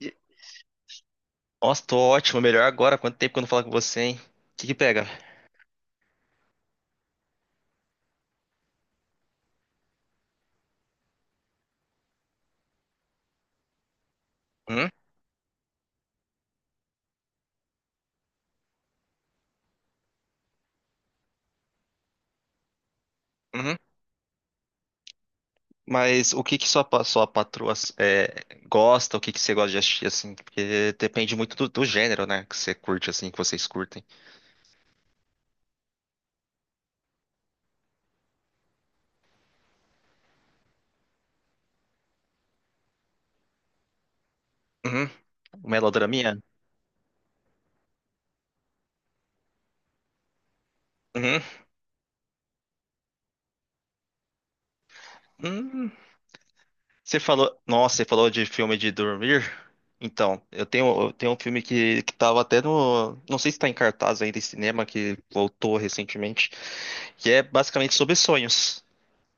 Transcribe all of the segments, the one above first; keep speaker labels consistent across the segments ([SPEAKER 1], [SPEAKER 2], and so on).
[SPEAKER 1] E- Nossa, tô ótimo, melhor agora. Quanto tempo que eu não falo com você, hein? O que que pega? Hum? Uhum. Mas o que que sua, sua patroa gosta? O que que você gosta de assistir, assim? Porque depende muito do gênero, né? Que você curte, assim, que vocês curtem. Uhum. Melodraminha? Uhum. Hum. Nossa, você falou de filme de dormir? Então, eu tenho um filme que tava até Não sei se tá em cartaz ainda em cinema, que voltou recentemente. Que é basicamente sobre sonhos.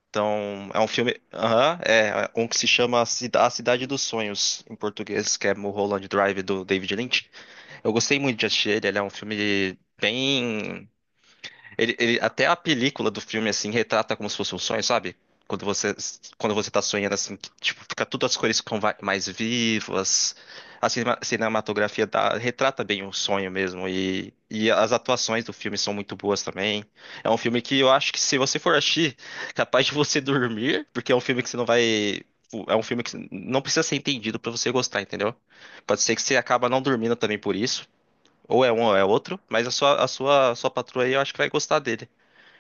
[SPEAKER 1] Então, é um filme. Aham, é. Um que se chama A Cidade dos Sonhos, em português, que é Mulholland Drive, do David Lynch. Eu gostei muito de assistir ele. Ele é um filme bem. Ele até a película do filme, assim, retrata como se fosse um sonho, sabe? Quando você, quando você tá sonhando, assim, que, tipo, fica tudo as cores ficam mais vivas. A cinematografia retrata bem o sonho mesmo. E as atuações do filme são muito boas também. É um filme que eu acho que, se você for assistir, capaz de você dormir, porque é um filme que você não vai. É um filme que não precisa ser entendido pra você gostar, entendeu? Pode ser que você acaba não dormindo também por isso. Ou é um ou é outro, mas a sua patroa aí eu acho que vai gostar dele.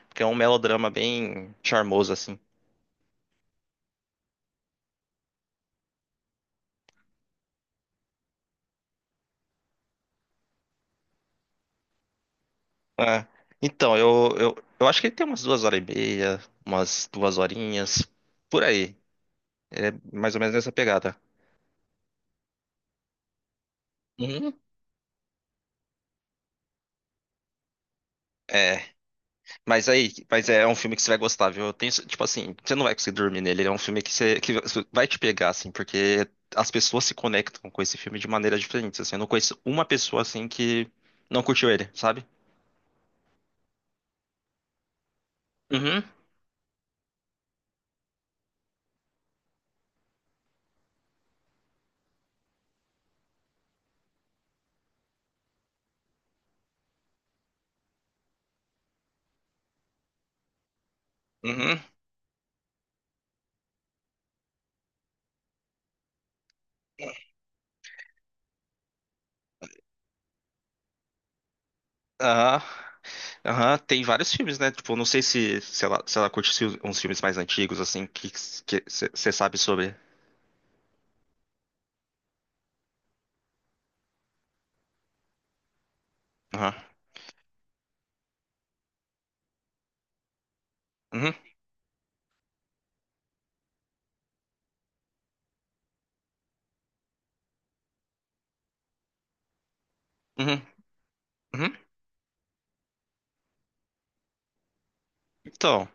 [SPEAKER 1] Porque é um melodrama bem charmoso, assim. É. Então, eu acho que ele tem umas duas horas e meia, umas duas horinhas, por aí. Ele é mais ou menos nessa pegada. Uhum. É, mas aí, mas é um filme que você vai gostar, viu? Eu tenho, tipo assim, você não vai conseguir dormir nele, ele é um filme que você, que vai te pegar, assim, porque as pessoas se conectam com esse filme de maneiras diferentes, assim. Eu não conheço uma pessoa, assim, que não curtiu ele, sabe? Uhum, uhum. Aham, aham, tem vários filmes, né? Tipo, não sei se ela curte uns filmes mais antigos, assim, que você sabe sobre. Aham. Uhum, uhum, uhum. Então,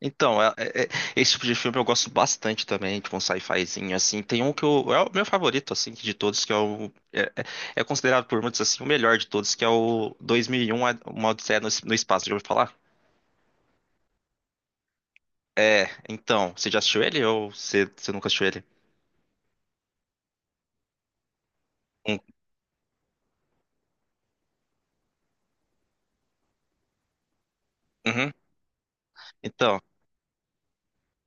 [SPEAKER 1] então, esse tipo de filme eu gosto bastante também, tipo um sci-fizinho, assim. Tem um que eu, é o meu favorito, assim, de todos, que é o. É é considerado por muitos, assim, o melhor de todos, que é o 2001, Uma Odisseia no Espaço, já ouviu falar? É, então, você já assistiu ele, ou você nunca assistiu ele? Hum. Uhum. Então.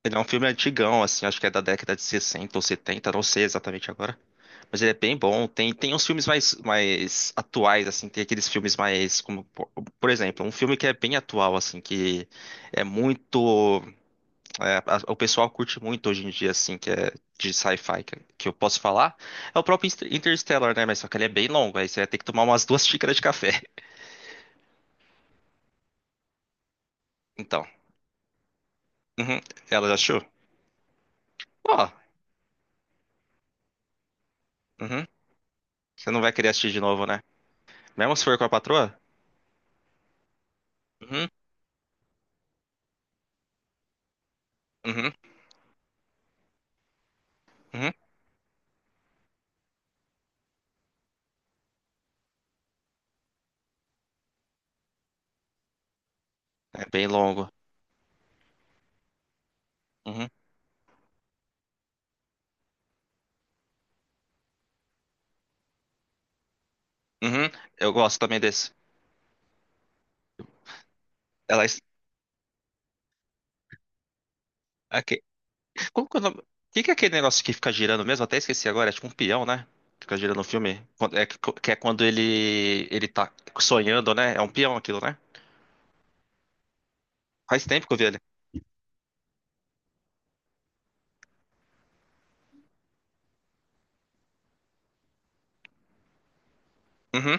[SPEAKER 1] Ele é um filme antigão, assim, acho que é da década de 60 ou 70, não sei exatamente agora. Mas ele é bem bom. Tem uns filmes mais atuais, assim, tem aqueles filmes mais, como, por exemplo, um filme que é bem atual, assim, que é muito, o pessoal curte muito hoje em dia, assim, que é de sci-fi, que eu posso falar, é o próprio Interstellar, né? Mas só que ele é bem longo, aí você vai ter que tomar umas duas xícaras de café. Então, uhum, ela já achou? Ó, uhum, você não vai querer assistir de novo, né? Mesmo se for com a patroa? Uhum. Uhum. Uhum. É bem longo. Uhum. Uhum. Eu gosto também desse. Ela. Aque- Como que é o nome? Que é aquele negócio que fica girando mesmo? Até esqueci agora. É tipo um peão, né? Fica girando no filme. É, que é quando ele tá sonhando, né? É um peão aquilo, né? Faz tempo que eu vi ele. Uhum.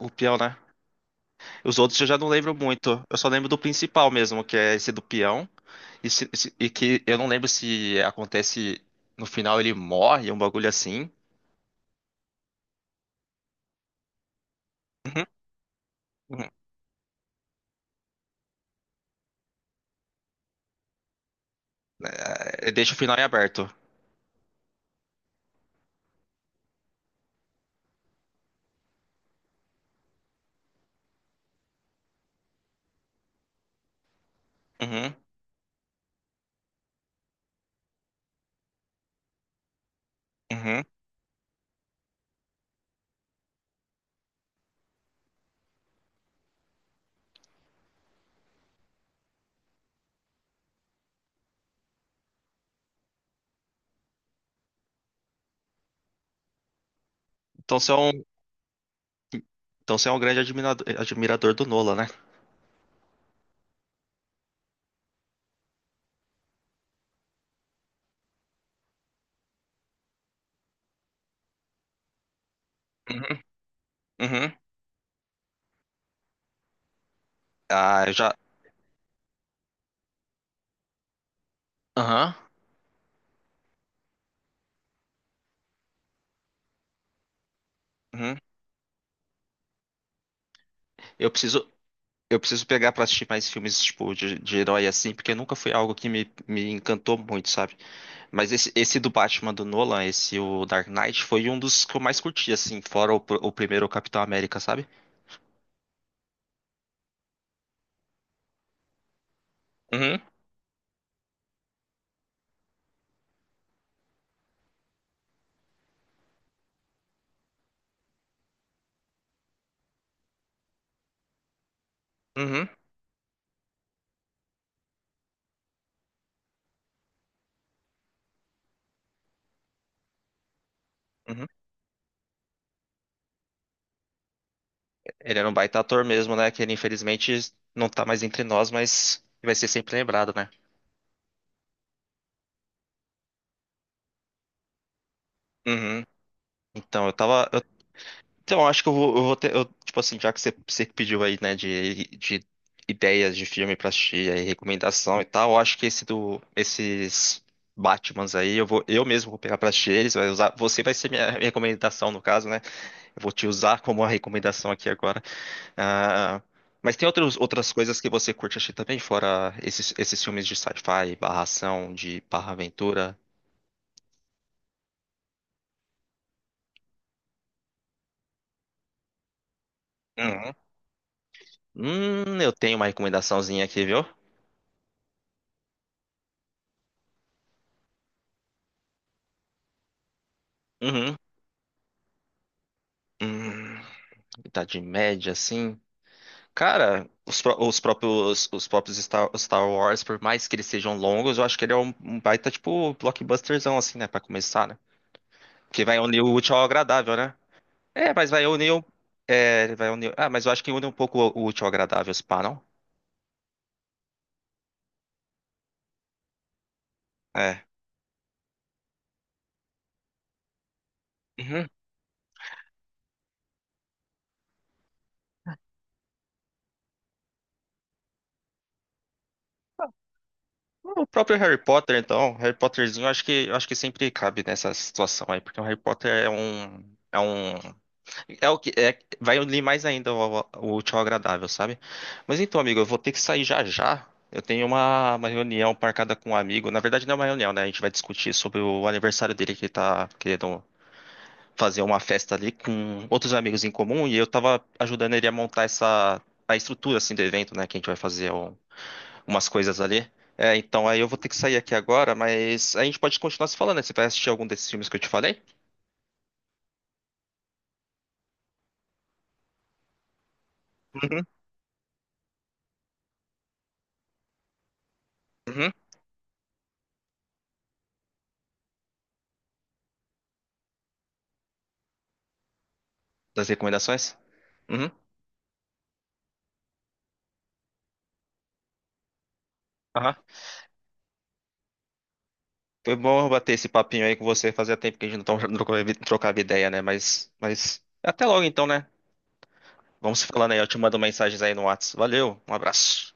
[SPEAKER 1] O peão, né? Os outros eu já não lembro muito. Eu só lembro do principal mesmo, que é esse do peão. E que eu não lembro se acontece, no final ele morre, um bagulho assim. Uhum. Uhum. É, deixa o final em aberto. Uhum. Uhum. Então você é um, então você é um grande admirador do Nolan, né? Uhum, uhum. Ah, eu já. Aham. Uhum. Eu preciso, eu preciso pegar pra assistir mais filmes tipo de herói assim, porque nunca foi algo que me encantou muito, sabe? Mas esse do Batman do Nolan, esse o Dark Knight, foi um dos que eu mais curti, assim, fora o o primeiro Capitão América, sabe? Uhum, uhum, uhum. Ele era um baita ator mesmo, né? Que ele, infelizmente, não tá mais entre nós, mas vai ser sempre lembrado, né? Uhum. Então, eu tava, Então, acho que eu vou ter. Eu, tipo assim, já que você que pediu aí, né, de ideias de filme pra assistir, aí, recomendação e tal, eu acho que esses Batmans aí, eu mesmo vou pegar pra assistir eles, você vai ser minha recomendação, no caso, né? Eu vou te usar como uma recomendação aqui agora. Ah, mas tem outras coisas que você curte assistir também, fora esses filmes de sci-fi, barra ação, de barra aventura? Uhum. Eu tenho uma recomendaçãozinha aqui, viu? Uhum. Hum. Idade Média, assim. Cara, os próprios Star Wars, por mais que eles sejam longos, eu acho que ele é um baita, tipo, blockbusterzão, assim, né? Pra começar, né? Porque vai unir o útil ao agradável, né? É, mas vai unir. É, ele vai unir. Ah, mas eu acho que une um pouco o útil ao agradável, se pá, não? É. Uhum. O próprio Harry Potter, então, Harry Potterzinho, eu acho que, sempre cabe nessa situação aí, porque o Harry Potter é o que é, vai unir mais ainda o útil ao agradável, sabe? Mas então, amigo, eu vou ter que sair já já. Eu tenho uma reunião marcada com um amigo. Na verdade, não é uma reunião, né? A gente vai discutir sobre o aniversário dele, que ele tá querendo fazer uma festa ali com outros amigos em comum. E eu tava ajudando ele a montar essa a estrutura, assim, do evento, né? Que a gente vai fazer umas coisas ali. É, então aí eu vou ter que sair aqui agora, mas a gente pode continuar se falando, né? Você vai assistir algum desses filmes que eu te falei? Uhum. Uhum. Das recomendações? Uhum. Aham. Foi bom bater esse papinho aí com você. Fazia tempo que a gente não trocava ideia, né? Mas até logo então, né? Vamos se falando aí. Eu te mando mensagens aí no WhatsApp. Valeu, um abraço.